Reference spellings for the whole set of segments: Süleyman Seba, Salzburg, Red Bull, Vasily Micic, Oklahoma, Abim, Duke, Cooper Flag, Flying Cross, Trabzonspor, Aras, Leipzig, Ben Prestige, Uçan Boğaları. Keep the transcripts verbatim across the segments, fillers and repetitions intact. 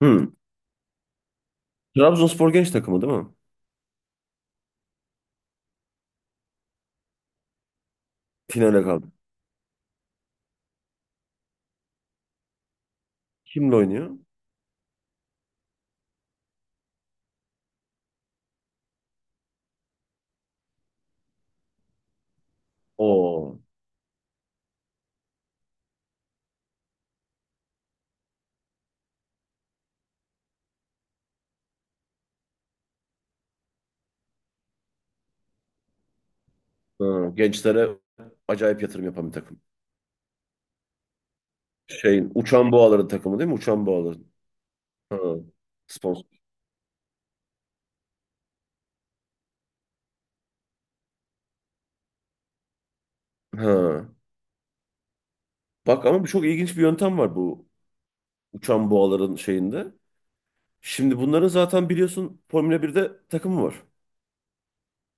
Hı. Trabzonspor genç takımı değil mi? Finale kaldı. Kimle oynuyor? O gençlere acayip yatırım yapan bir takım. Şeyin Uçan Boğaların takımı değil mi? Uçan Boğaların. Ha. Sponsor. Ha. Bak ama bu çok ilginç bir yöntem var bu Uçan Boğaların şeyinde. Şimdi bunların zaten biliyorsun Formula birde takımı var.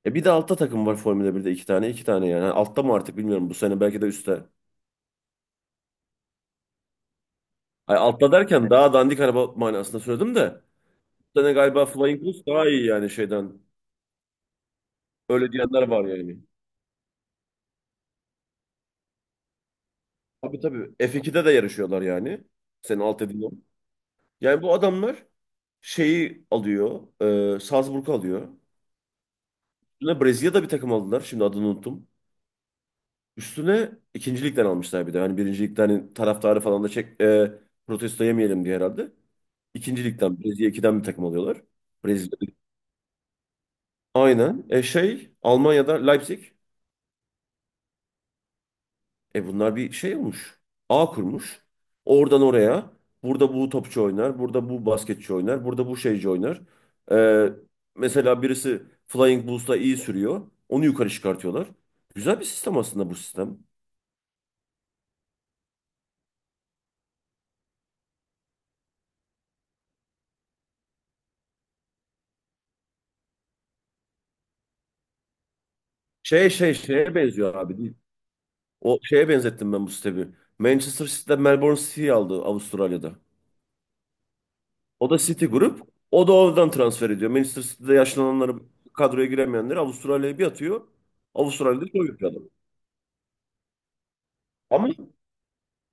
E bir de altta takım var Formula birde iki tane iki tane yani. Yani altta mı artık bilmiyorum bu sene belki de üstte. Ay, altta derken daha dandik araba manasında söyledim de. Bu sene galiba Flying Cross daha iyi yani şeyden. Öyle diyenler var yani. Tabii tabii. F iki'de de yarışıyorlar yani. Senin alt dediğin o. Yani bu adamlar şeyi alıyor. E, Salzburg alıyor. Üstüne Brezilya'da bir takım aldılar. Şimdi adını unuttum. Üstüne ikinci ligden almışlar bir de. Hani birinci ligden hani taraftarı falan da çek, e, protesto yemeyelim diye herhalde. İkinci ligden Brezilya ikiden bir takım alıyorlar. Brezilya. Aynen. E şey Almanya'da Leipzig. E bunlar bir şey olmuş. Ağ kurmuş. Oradan oraya. Burada bu topçu oynar. Burada bu basketçi oynar. Burada bu şeyci oynar. Ee, mesela birisi Flying Bulls'la iyi sürüyor. Onu yukarı çıkartıyorlar. Güzel bir sistem aslında bu sistem. Şey şey şeye benziyor abi değil. O şeye benzettim ben bu sistemi. Manchester City'de Melbourne City'yi aldı Avustralya'da. O da City grup. O da oradan transfer ediyor. Manchester City'de yaşlananları kadroya giremeyenleri Avustralya'ya bir atıyor. Avustralya'da çok yapıyor adam. Ama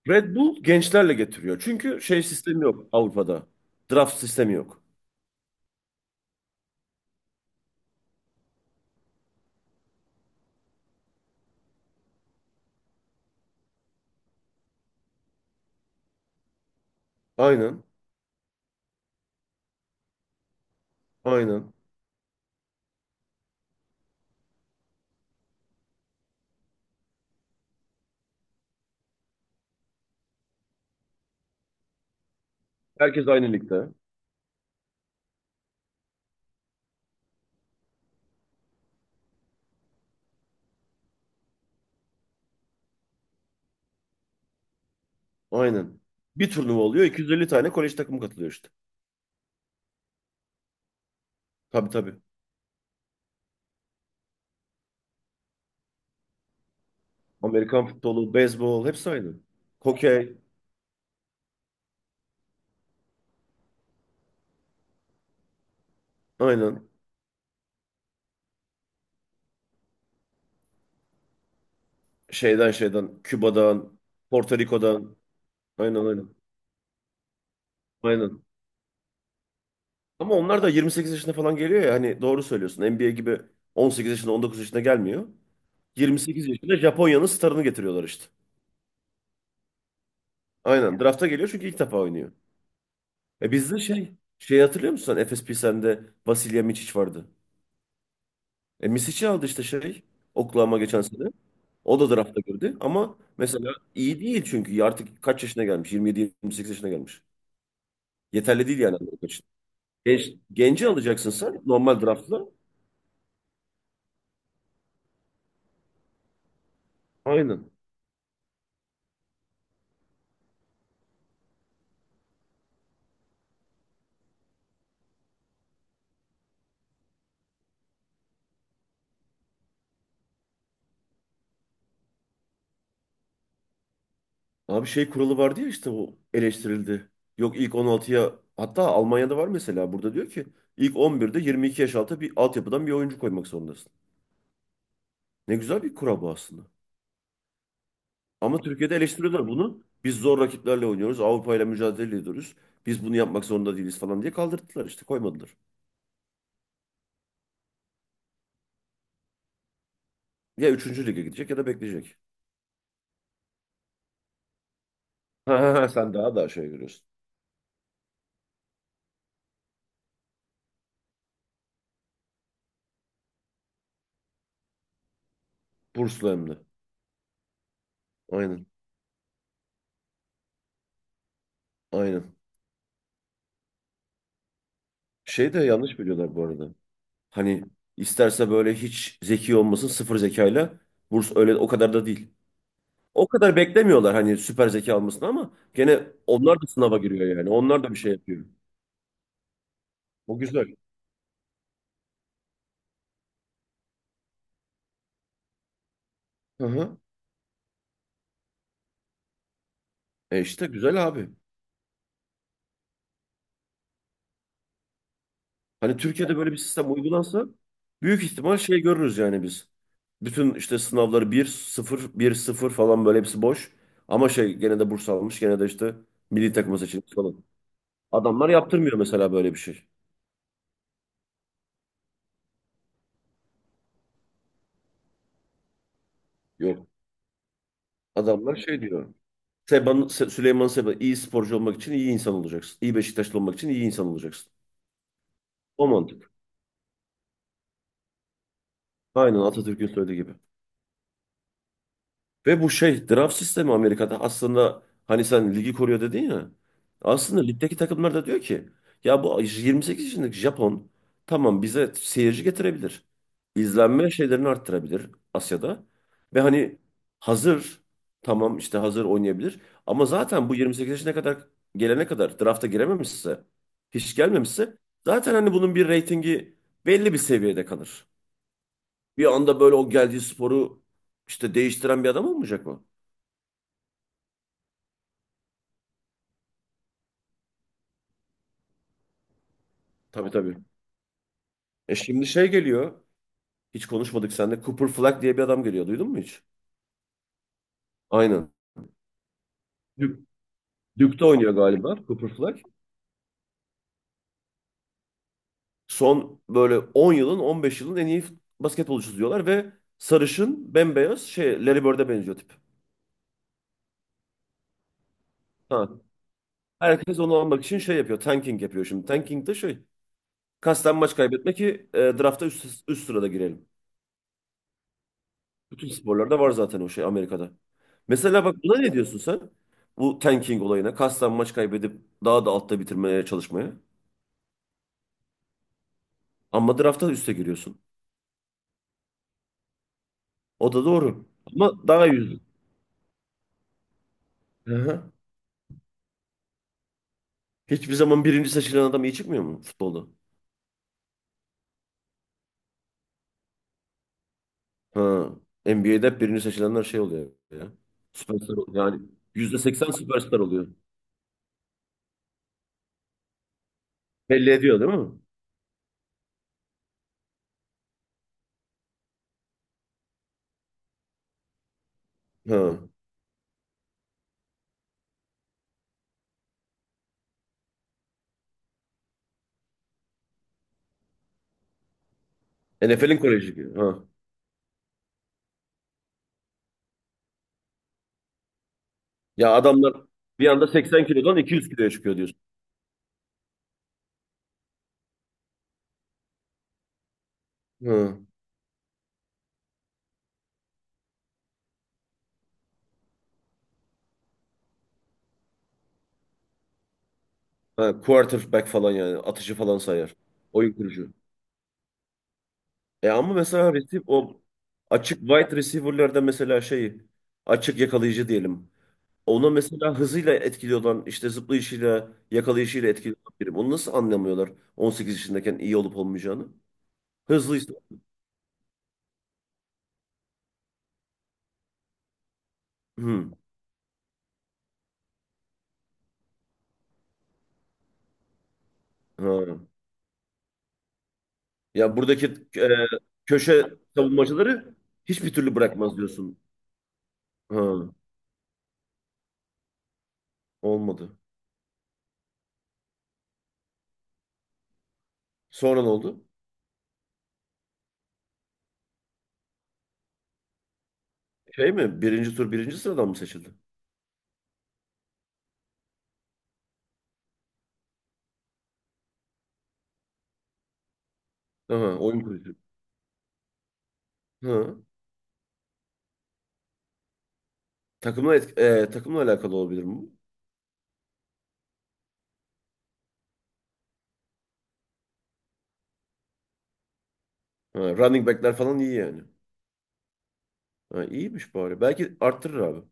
Red Bull gençlerle getiriyor. Çünkü şey sistemi yok Avrupa'da. Draft sistemi yok. Aynen. Aynen. Herkes aynı ligde. Aynen. Bir turnuva oluyor. iki yüz elli tane kolej takımı katılıyor işte. Tabii tabii. Amerikan futbolu, beyzbol hepsi aynı. Hokey. Aynen. Şeyden şeyden. Küba'dan. Porto Rico'dan. Aynen aynen. Aynen. Ama onlar da yirmi sekiz yaşında falan geliyor ya. Hani doğru söylüyorsun. N B A gibi on sekiz yaşında on dokuz yaşında gelmiyor. yirmi sekiz yaşında Japonya'nın starını getiriyorlar işte. Aynen drafta geliyor çünkü ilk defa oynuyor. E bizde şey şey hatırlıyor musun sen Efes Pilsen'de Vasilya Micic vardı. E Misic'i aldı işte şey Oklahoma geçen sene. O da drafta girdi ama mesela iyi değil çünkü artık kaç yaşına gelmiş? Yirmi yedi yirmi sekiz yaşına gelmiş. Yeterli değil yani Amerika için. Genç, genci alacaksın sen normal draftla. Aynen. Abi şey kuralı vardı ya işte o eleştirildi. Yok ilk on altıya hatta Almanya'da var mesela burada diyor ki ilk on birde yirmi iki yaş altı bir altyapıdan bir oyuncu koymak zorundasın. Ne güzel bir kura bu aslında. Ama Türkiye'de eleştiriyorlar bunu. Biz zor rakiplerle oynuyoruz. Avrupa ile mücadele ediyoruz. Biz bunu yapmak zorunda değiliz falan diye kaldırdılar işte koymadılar. Ya üçüncü lige gidecek ya da bekleyecek. Ha, ha, ha, sen daha daha şey görüyorsun. Burslu hem de. Aynen. Aynen. Şey de yanlış biliyorlar bu arada. Hani isterse böyle hiç zeki olmasın sıfır zekayla burs öyle o kadar da değil. O kadar beklemiyorlar hani süper zeka almasını ama gene onlar da sınava giriyor yani. Onlar da bir şey yapıyor. O güzel. Hı hı. E işte güzel abi. Hani Türkiye'de böyle bir sistem uygulansa büyük ihtimal şey görürüz yani biz. Bütün işte sınavları bir sıfır bir sıfır falan böyle hepsi boş. Ama şey gene de burs almış gene de işte milli takıma seçilmiş falan. Adamlar yaptırmıyor mesela böyle bir şey. Yok. Adamlar şey diyor. Seban, Se- Süleyman Seba iyi sporcu olmak için iyi insan olacaksın. İyi Beşiktaşlı olmak için iyi insan olacaksın. O mantık. Aynen Atatürk'ün söylediği gibi. Ve bu şey draft sistemi Amerika'da aslında hani sen ligi koruyor dedin ya. Aslında ligdeki takımlar da diyor ki ya bu yirmi sekiz yaşındaki Japon tamam bize seyirci getirebilir. İzlenme şeylerini arttırabilir Asya'da. Ve hani hazır tamam işte hazır oynayabilir. Ama zaten bu yirmi sekiz yaşına kadar gelene kadar drafta girememişse hiç gelmemişse zaten hani bunun bir reytingi belli bir seviyede kalır. Bir anda böyle o geldiği sporu işte değiştiren bir adam olmayacak mı? Tabii tabii. E şimdi şey geliyor. Hiç konuşmadık seninle. Cooper Flag diye bir adam geliyor. Duydun mu hiç? Aynen. Duke, Duke'da oynuyor galiba Cooper Flag. Son böyle on yılın on beş yılın en iyi basketbolcusu diyorlar ve sarışın bembeyaz şey Larry Bird'e benziyor tip. Ha. Herkes onu almak için şey yapıyor. Tanking yapıyor şimdi. Tanking de şey. Kasten maç kaybetme ki e, drafta üst, üst sırada girelim. Bütün sporlarda var zaten o şey Amerika'da. Mesela bak buna ne diyorsun sen? Bu tanking olayına. Kasten maç kaybedip daha da altta bitirmeye çalışmaya. Ama draftta üste giriyorsun. O da doğru. Ama daha iyi. Hı hı. Hiçbir zaman birinci seçilen adam iyi çıkmıyor mu futbolda? Ha. N B A'de hep birinci seçilenler şey oluyor ya. Süperstar oluyor. Yani yüzde seksen süperstar oluyor. Belli ediyor değil mi? Ha. N F L'in koleji gibi. Ha. Ya adamlar bir anda seksen kilodan iki yüz kiloya çıkıyor diyorsun. Ha. Ha, quarterback falan yani. Atıcı falan sayar. Oyun kurucu. E ama mesela receive, o açık wide receiver'larda mesela şey açık yakalayıcı diyelim. Ona mesela hızıyla etkili olan işte zıplayışıyla yakalayışıyla etkili olan biri. Onu nasıl anlamıyorlar on sekiz yaşındayken iyi olup olmayacağını? Hızlıysa. Hı. Ha. Ya buradaki e, köşe savunmacıları hiçbir türlü bırakmaz diyorsun. Ha. Olmadı. Sonra ne oldu? Şey mi? Birinci tur birinci sıradan mı seçildi? Aha, oyun kurucu. Ha. Takımla etk- e, takımla alakalı olabilir mi bu? Ha, running back'ler falan iyi yani. Ha, iyiymiş bari. Belki arttırır abi.